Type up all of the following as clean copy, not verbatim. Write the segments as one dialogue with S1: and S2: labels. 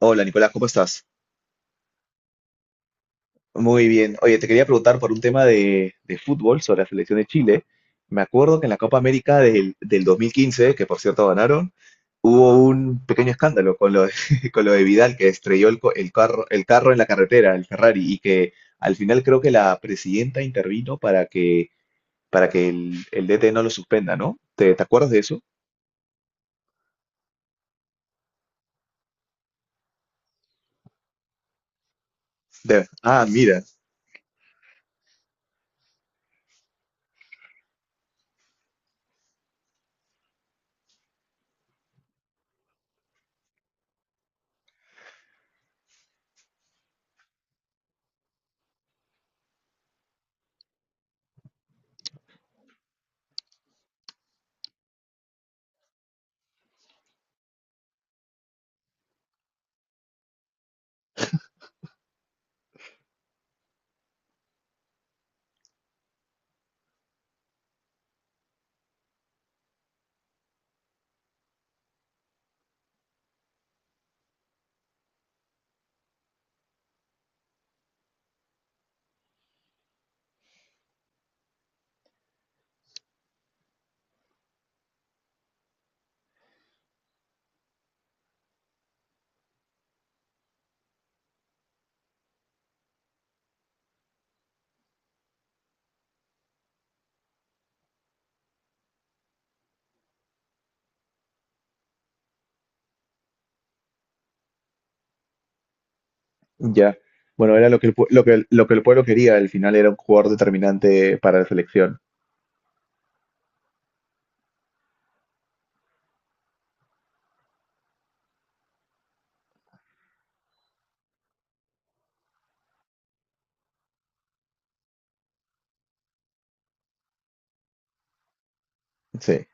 S1: Hola Nicolás, ¿cómo estás? Muy bien. Oye, te quería preguntar por un tema de fútbol sobre la selección de Chile. Me acuerdo que en la Copa América del 2015, que por cierto ganaron, hubo un pequeño escándalo con lo de, con lo de Vidal, que estrelló el carro en la carretera, el Ferrari, y que al final creo que la presidenta intervino para que el DT no lo suspenda, ¿no? ¿Te acuerdas de eso? Mira, ya. Bueno, era lo que el, pue- lo que el pueblo quería, al final era un jugador determinante para la selección. Sí,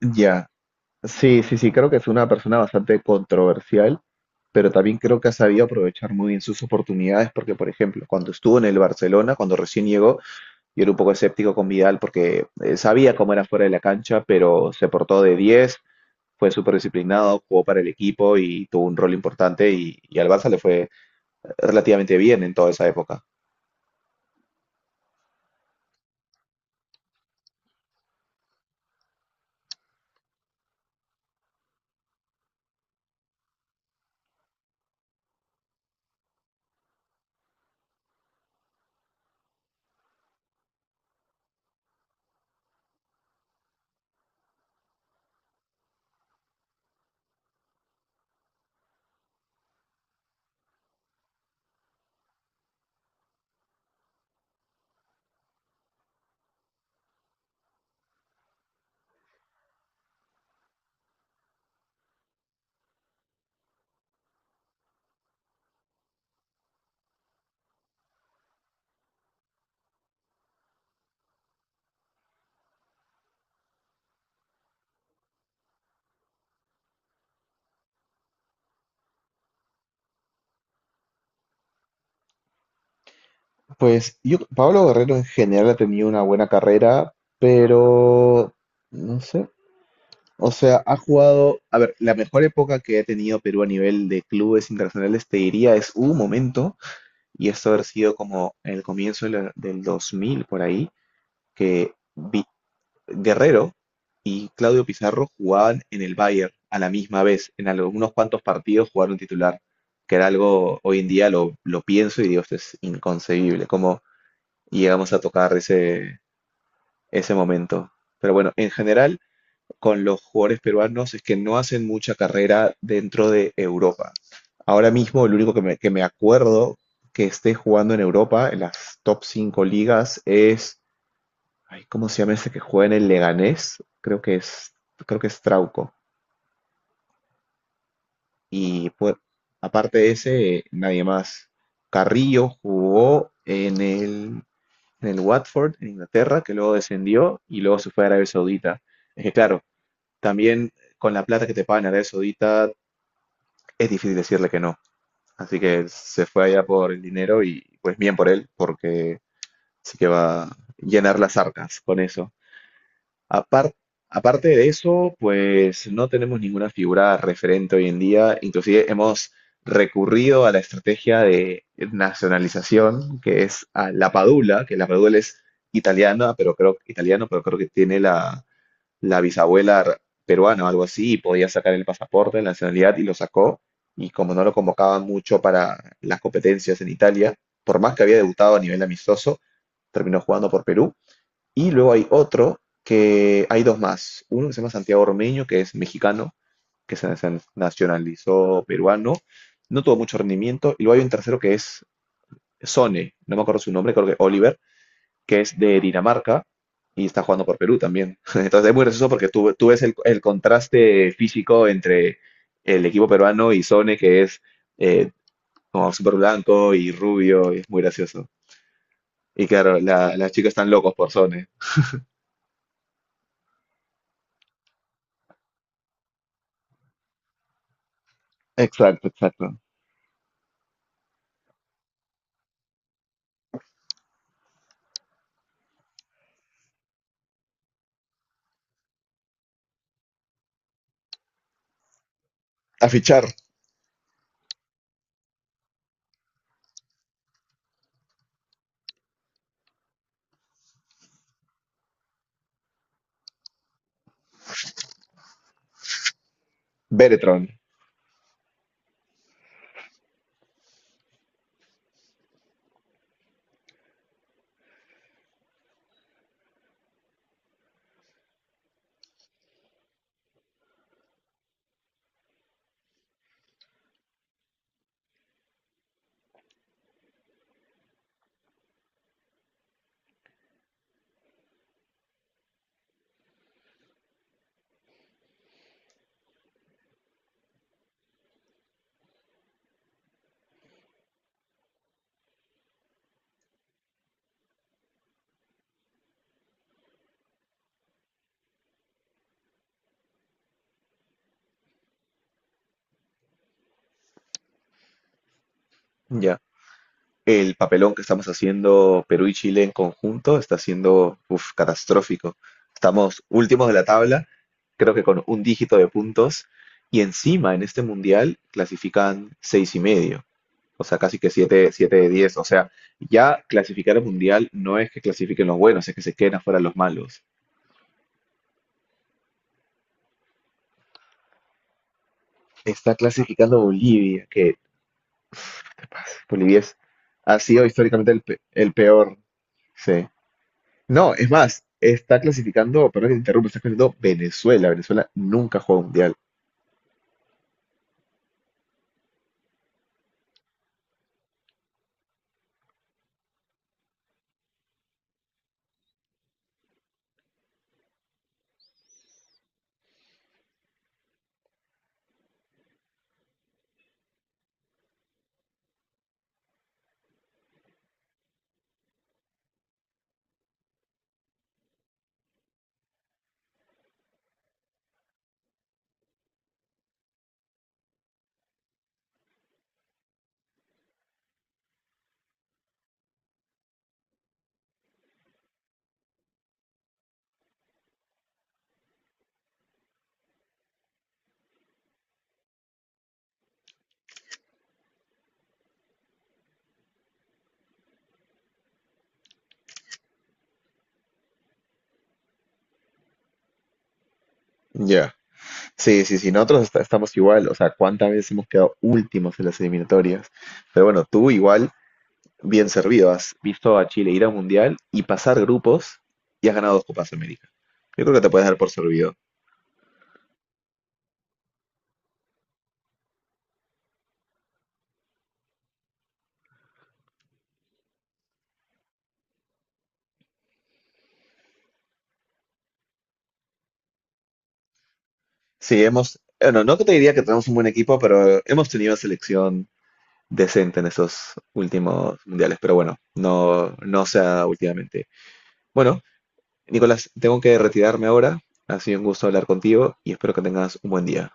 S1: ya. Sí, sí, sí, creo que es una persona bastante controversial, pero también creo que ha sabido aprovechar muy bien sus oportunidades, porque, por ejemplo, cuando estuvo en el Barcelona, cuando recién llegó, yo era un poco escéptico con Vidal porque sabía cómo era fuera de la cancha, pero se portó de 10, fue súper disciplinado, jugó para el equipo y tuvo un rol importante y al Barça le fue relativamente bien en toda esa época. Pues yo, Pablo Guerrero en general ha tenido una buena carrera, pero... No sé. O sea, ha jugado, a ver, la mejor época que ha tenido Perú a nivel de clubes internacionales, te diría, es un momento, y esto haber sido como el comienzo de del 2000 por ahí, que Guerrero y Claudio Pizarro jugaban en el Bayern a la misma vez, en algunos cuantos partidos jugaron titular, que era algo, hoy en día lo pienso y digo, esto es inconcebible, cómo llegamos a tocar ese momento. Pero bueno, en general, con los jugadores peruanos es que no hacen mucha carrera dentro de Europa. Ahora mismo el único que me acuerdo que esté jugando en Europa, en las top 5 ligas, es, ay, ¿cómo se llama ese que juega en el Leganés? Creo que es Trauco. Y pues, aparte de ese, nadie más. Carrillo jugó en el Watford, en Inglaterra, que luego descendió y luego se fue a Arabia Saudita. Es que claro, también con la plata que te pagan en Arabia Saudita es difícil decirle que no. Así que se fue allá por el dinero y pues bien por él, porque sí que va a llenar las arcas con eso. Apar- Aparte de eso, pues no tenemos ninguna figura referente hoy en día. Inclusive hemos recurrido a la estrategia de nacionalización, que es a la Padula, que la Padula es italiana, pero creo, italiano, pero creo que tiene la bisabuela peruana o algo así, y podía sacar el pasaporte, la nacionalidad, y lo sacó. Y como no lo convocaban mucho para las competencias en Italia, por más que había debutado a nivel amistoso, terminó jugando por Perú. Y luego hay otro que hay dos más. Uno que se llama Santiago Ormeño, que es mexicano, que se nacionalizó peruano, no tuvo mucho rendimiento. Y luego hay un tercero que es Sone, no me acuerdo su nombre, creo que Oliver, que es de Dinamarca y está jugando por Perú también. Entonces es muy gracioso porque tú ves el contraste físico entre el equipo peruano y Sone, que es eh, como súper blanco y rubio, y es muy gracioso. Y claro, las chicas están locos por Sone. Exacto, exacto. A fichar, Beretron. Ya. El papelón que estamos haciendo Perú y Chile en conjunto está siendo uf, catastrófico. Estamos últimos de la tabla, creo que con un dígito de puntos, y encima en este mundial clasifican seis y medio, o sea, casi que siete, siete de diez. O sea, ya clasificar al mundial no es que clasifiquen los buenos, es que se queden afuera los malos. Está clasificando Bolivia, que Bolivia es- ha sido históricamente el peor. Sí. No, es más, está clasificando, perdón que te interrumpa, está clasificando Venezuela. Venezuela nunca juega mundial. Ya. Sí, sí, sí, nosotros estamos igual. O sea, ¿cuántas veces hemos quedado últimos en las eliminatorias? Pero bueno, tú igual, bien servido, has visto a Chile ir a un mundial y pasar grupos y has ganado dos Copas América. Yo creo que te puedes dar por servido. Sí, hemos, bueno, no que te diría que tenemos un buen equipo, pero hemos tenido selección decente en esos últimos mundiales. Pero bueno, no, no sea últimamente. Bueno, Nicolás, tengo que retirarme ahora. Ha sido un gusto hablar contigo y espero que tengas un buen día.